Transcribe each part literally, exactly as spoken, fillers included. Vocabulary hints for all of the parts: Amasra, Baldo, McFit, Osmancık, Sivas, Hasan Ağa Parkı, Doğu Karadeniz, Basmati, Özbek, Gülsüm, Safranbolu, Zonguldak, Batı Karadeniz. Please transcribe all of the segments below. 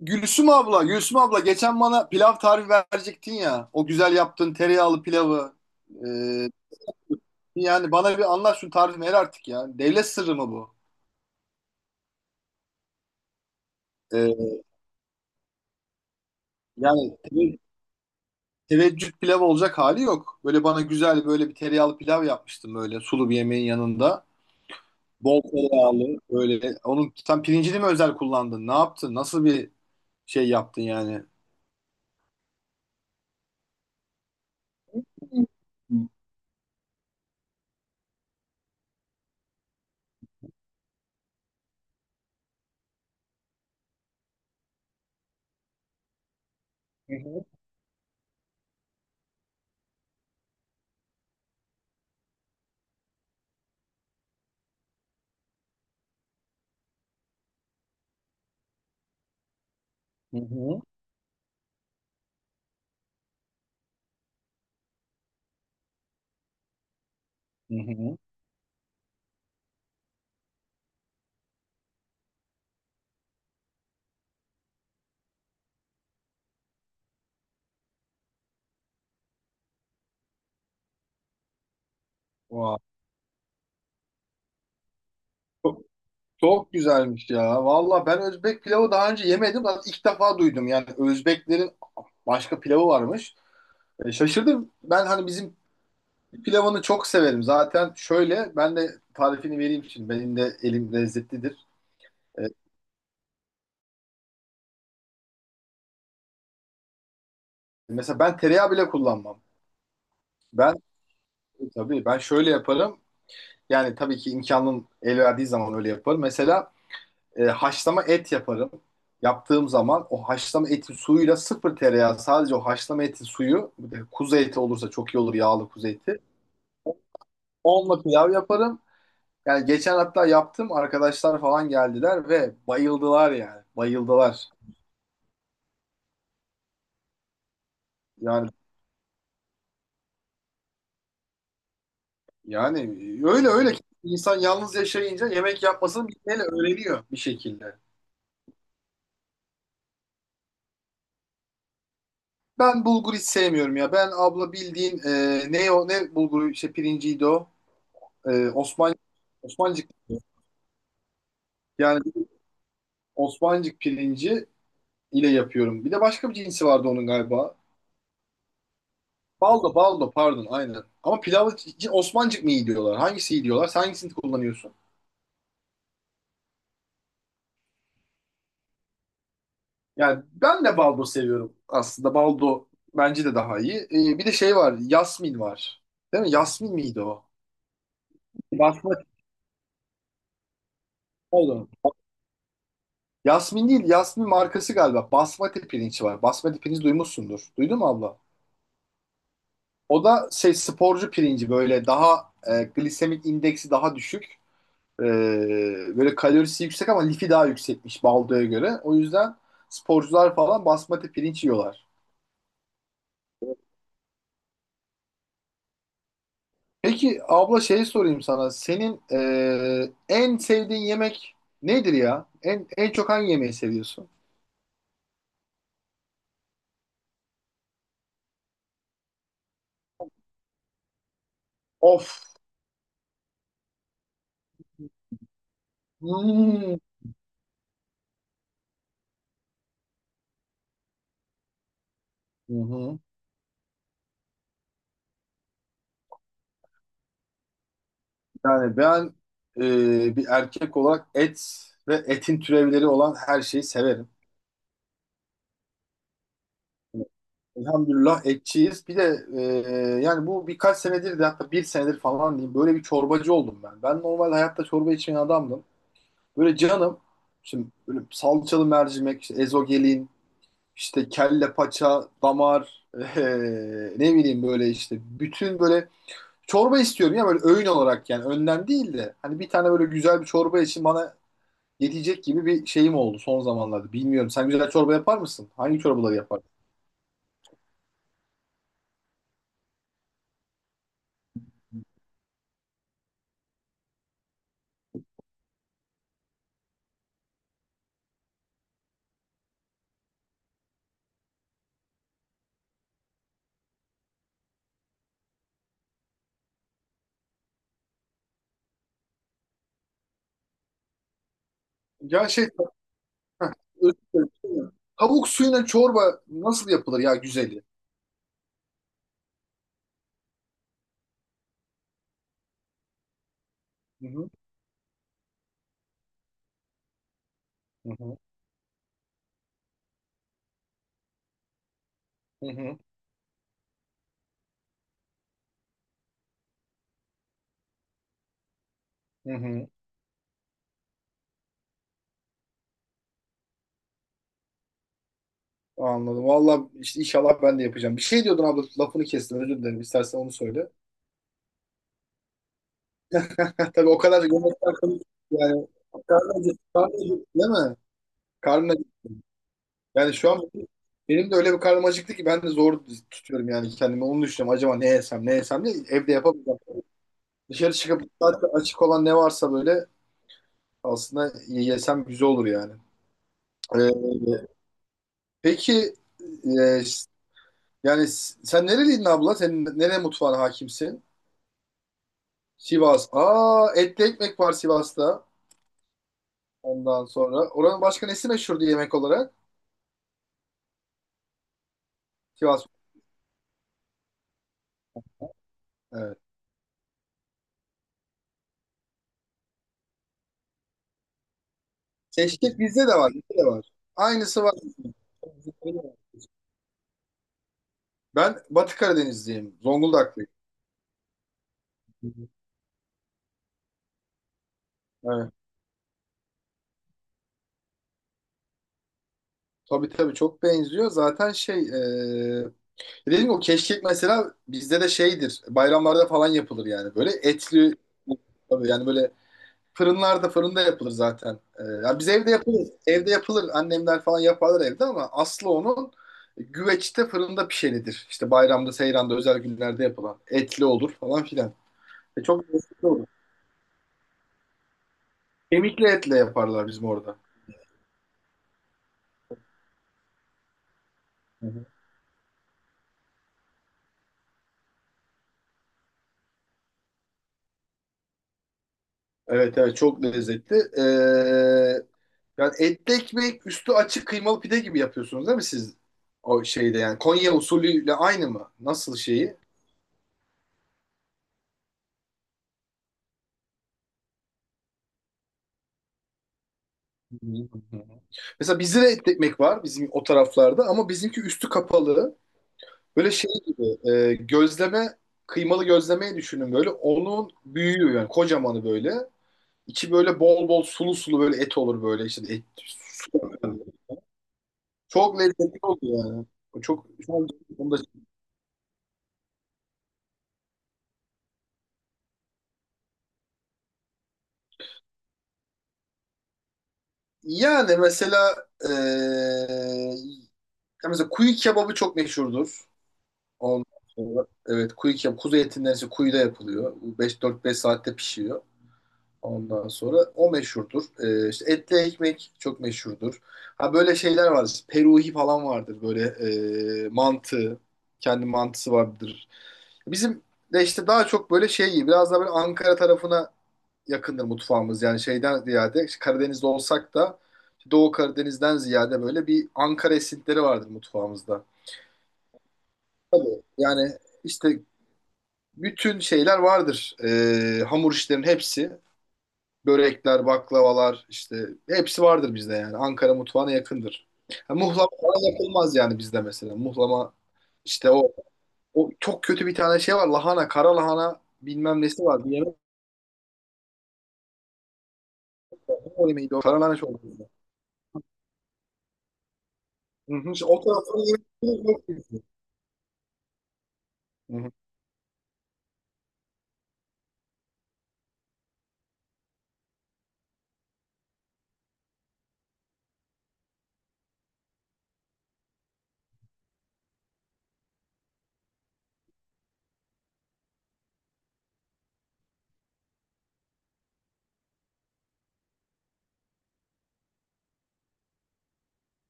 Gülsüm abla, Gülsüm abla geçen bana pilav tarifi verecektin ya. O güzel yaptığın tereyağlı pilavı. Ee, Yani bana bir anlat şu tarifi ver artık ya. Devlet sırrı mı bu? Ee, Yani teve- teveccüh pilav olacak hali yok. Böyle bana güzel böyle bir tereyağlı pilav yapmıştım böyle sulu bir yemeğin yanında. Bol tereyağlı böyle. Onun sen pirincini mi özel kullandın? Ne yaptın? Nasıl bir şey yaptın yani? Hı hı. Hı hı. Vay. Çok güzelmiş ya. Valla ben Özbek pilavı daha önce yemedim. Zaten ilk defa duydum. Yani Özbeklerin başka pilavı varmış. E, şaşırdım. Ben hani bizim pilavını çok severim. Zaten şöyle ben de tarifini vereyim şimdi. Benim de elim lezzetlidir. E, Mesela ben tereyağı bile kullanmam. Ben tabii ben şöyle yaparım. Yani tabii ki imkanım el verdiği zaman öyle yaparım. Mesela e, haşlama et yaparım. Yaptığım zaman o haşlama etin suyuyla sıfır tereyağı sadece o haşlama etin suyu bir de kuzu eti olursa çok iyi olur yağlı kuzu eti. Onunla pilav yaparım. Yani geçen hatta yaptım arkadaşlar falan geldiler ve bayıldılar yani. Bayıldılar. Yani yani öyle öyle ki insan yalnız yaşayınca yemek yapmasını bilmeyle öğreniyor bir şekilde. Ben bulgur hiç sevmiyorum ya. Ben abla bildiğin e, ne o ne bulguru işte pirinciydi o. E, Osman Osmancık. Yani Osmancık pirinci ile yapıyorum. Bir de başka bir cinsi vardı onun galiba. Baldo, baldo pardon, aynen. Ama pilavı için Osmancık mı iyi diyorlar? Hangisi iyi diyorlar? Sen hangisini kullanıyorsun? Yani ben de baldo seviyorum aslında. Baldo bence de daha iyi. Ee, bir de şey var, yasmin var. Değil mi? Yasmin miydi o? Basmati, pardon. Yasmin değil, Yasmin markası galiba. Basmati pirinç var. Basmati pirinç duymuşsundur. Duydun mu abla? O da şey sporcu pirinci böyle daha e, glisemik indeksi daha düşük. Ee, Böyle kalorisi yüksek ama lifi daha yüksekmiş baldoya göre. O yüzden sporcular falan basmati pirinç yiyorlar. Peki abla şey sorayım sana. Senin ee, en sevdiğin yemek nedir ya? En en çok hangi yemeği seviyorsun? Of. Hmm. Hı hı. Yani ben ee, bir erkek olarak et ve etin türevleri olan her şeyi severim. Elhamdülillah etçiyiz. Bir de e, yani bu birkaç senedir de hatta bir senedir falan diyeyim böyle bir çorbacı oldum ben. Ben normal hayatta çorba içmeyen adamdım. Böyle canım şimdi böyle salçalı mercimek, işte ezogelin, işte kelle paça, damar, e, ne bileyim böyle işte bütün böyle çorba istiyorum ya böyle öğün olarak yani önden değil de hani bir tane böyle güzel bir çorba için bana yetecek gibi bir şeyim oldu son zamanlarda. Bilmiyorum sen güzel çorba yapar mısın? Hangi çorbaları yapar? Ya şey tavuk suyuna çorba nasıl yapılır ya güzeli? Hı hı, hı hı, hı hı, hı hı. Anladım. Valla işte inşallah ben de yapacağım. Bir şey diyordun abla lafını kestim özür dilerim. İstersen onu söyle. Heh, tabii o kadar yemekten konuş- yani karnım acıktı, karnım acıktı, değil mi? Karnım acıktı. Yani şu an benim de öyle bir karnım acıktı ki ben de zor tutuyorum yani kendimi. Onu düşünüyorum. Acaba ne yesem ne yesem diye evde yapamayacağım. Dışarı çıkıp zaten açık olan ne varsa böyle aslında yesem güzel olur yani. Ee, Peki e, s- yani s- sen nereliydin abla? Senin nere mutfağına hakimsin? Sivas. Aa, etli ekmek var Sivas'ta. Ondan sonra. Oranın başka nesi meşhurdu yemek olarak? Sivas. Evet. Keşkek bizde de var. Bizde de var. Aynısı var. Ben Batı Karadenizliyim. Zonguldaklıyım. Hı hı. Evet. Tabii tabii çok benziyor. Zaten şey e, dediğim gibi o keşkek mesela bizde de şeydir. Bayramlarda falan yapılır yani. Böyle etli tabii yani böyle fırınlarda fırında yapılır zaten. Ee, ya biz evde yapılır. Evde yapılır. Annemler falan yaparlar evde ama aslı onun güveçte fırında pişenidir. İşte bayramda, seyranda, özel günlerde yapılan. Etli olur falan filan. E, çok lezzetli olur. Kemikli etle yaparlar bizim orada. Hı hı. Evet evet çok lezzetli. Ee, yani etli ekmek üstü açık kıymalı pide gibi yapıyorsunuz değil mi siz? O şeyde yani Konya usulüyle aynı mı? Nasıl şeyi? Hı hı. Mesela bizde de et ekmek var bizim o taraflarda ama bizimki üstü kapalı. Böyle şey gibi e, gözleme kıymalı gözlemeyi düşünün böyle. Onun büyüğü yani kocamanı böyle. İçi böyle bol bol sulu sulu böyle et olur böyle işte et. Çok lezzetli oluyor yani. O çok şu an onu da- yani mesela e, ya mesela kuyu kebabı çok meşhurdur. Ondan sonra evet kuyu kebabı kuzu etinden ise kuyuda yapılıyor. beş dört beş saatte pişiyor. Ondan sonra o meşhurdur. Ee, işte etli ekmek çok meşhurdur. Ha böyle şeyler vardır. Peruhi falan vardır. Böyle e, mantı. Kendi mantısı vardır. Bizim de işte daha çok böyle şey biraz daha böyle Ankara tarafına yakındır mutfağımız. Yani şeyden ziyade işte Karadeniz'de olsak da Doğu Karadeniz'den ziyade böyle bir Ankara esintileri vardır mutfağımızda. Tabii. Yani işte bütün şeyler vardır. Ee, hamur işlerin hepsi. Börekler, baklavalar işte hepsi vardır bizde yani. Ankara mutfağına yakındır. Ha, muhlama falan yapılmaz yani bizde mesela. Muhlama işte o o çok kötü bir tane şey var. Lahana, kara lahana bilmem nesi var. Bir yemek o yemeği de o. Kara lahana çorbası. Hı hı. İşte o tarafını yemek. Hı hı.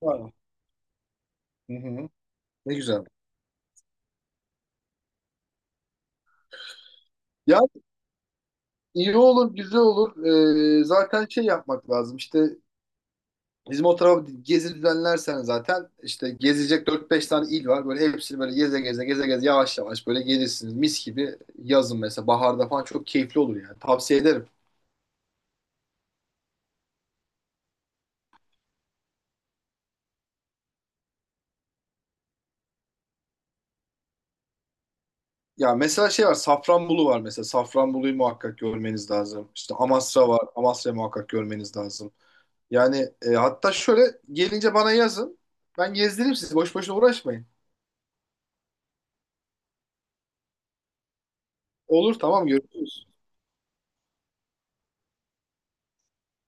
Aynen. Hı hı. Ne güzel. Yani iyi olur, güzel olur. Ee, zaten şey yapmak lazım. İşte bizim o tarafa gezi düzenlersen zaten işte gezecek dört beş tane il var. Böyle hepsini böyle geze geze geze geze yavaş yavaş böyle gelirsiniz. Mis gibi yazın mesela baharda falan çok keyifli olur yani. Tavsiye ederim. Ya mesela şey var Safranbolu var mesela. Safranbolu'yu muhakkak görmeniz lazım. İşte Amasra var. Amasra'yı muhakkak görmeniz lazım. Yani e, hatta şöyle gelince bana yazın. Ben gezdiririm sizi. Boş boşuna uğraşmayın. Olur, tamam, görüşürüz.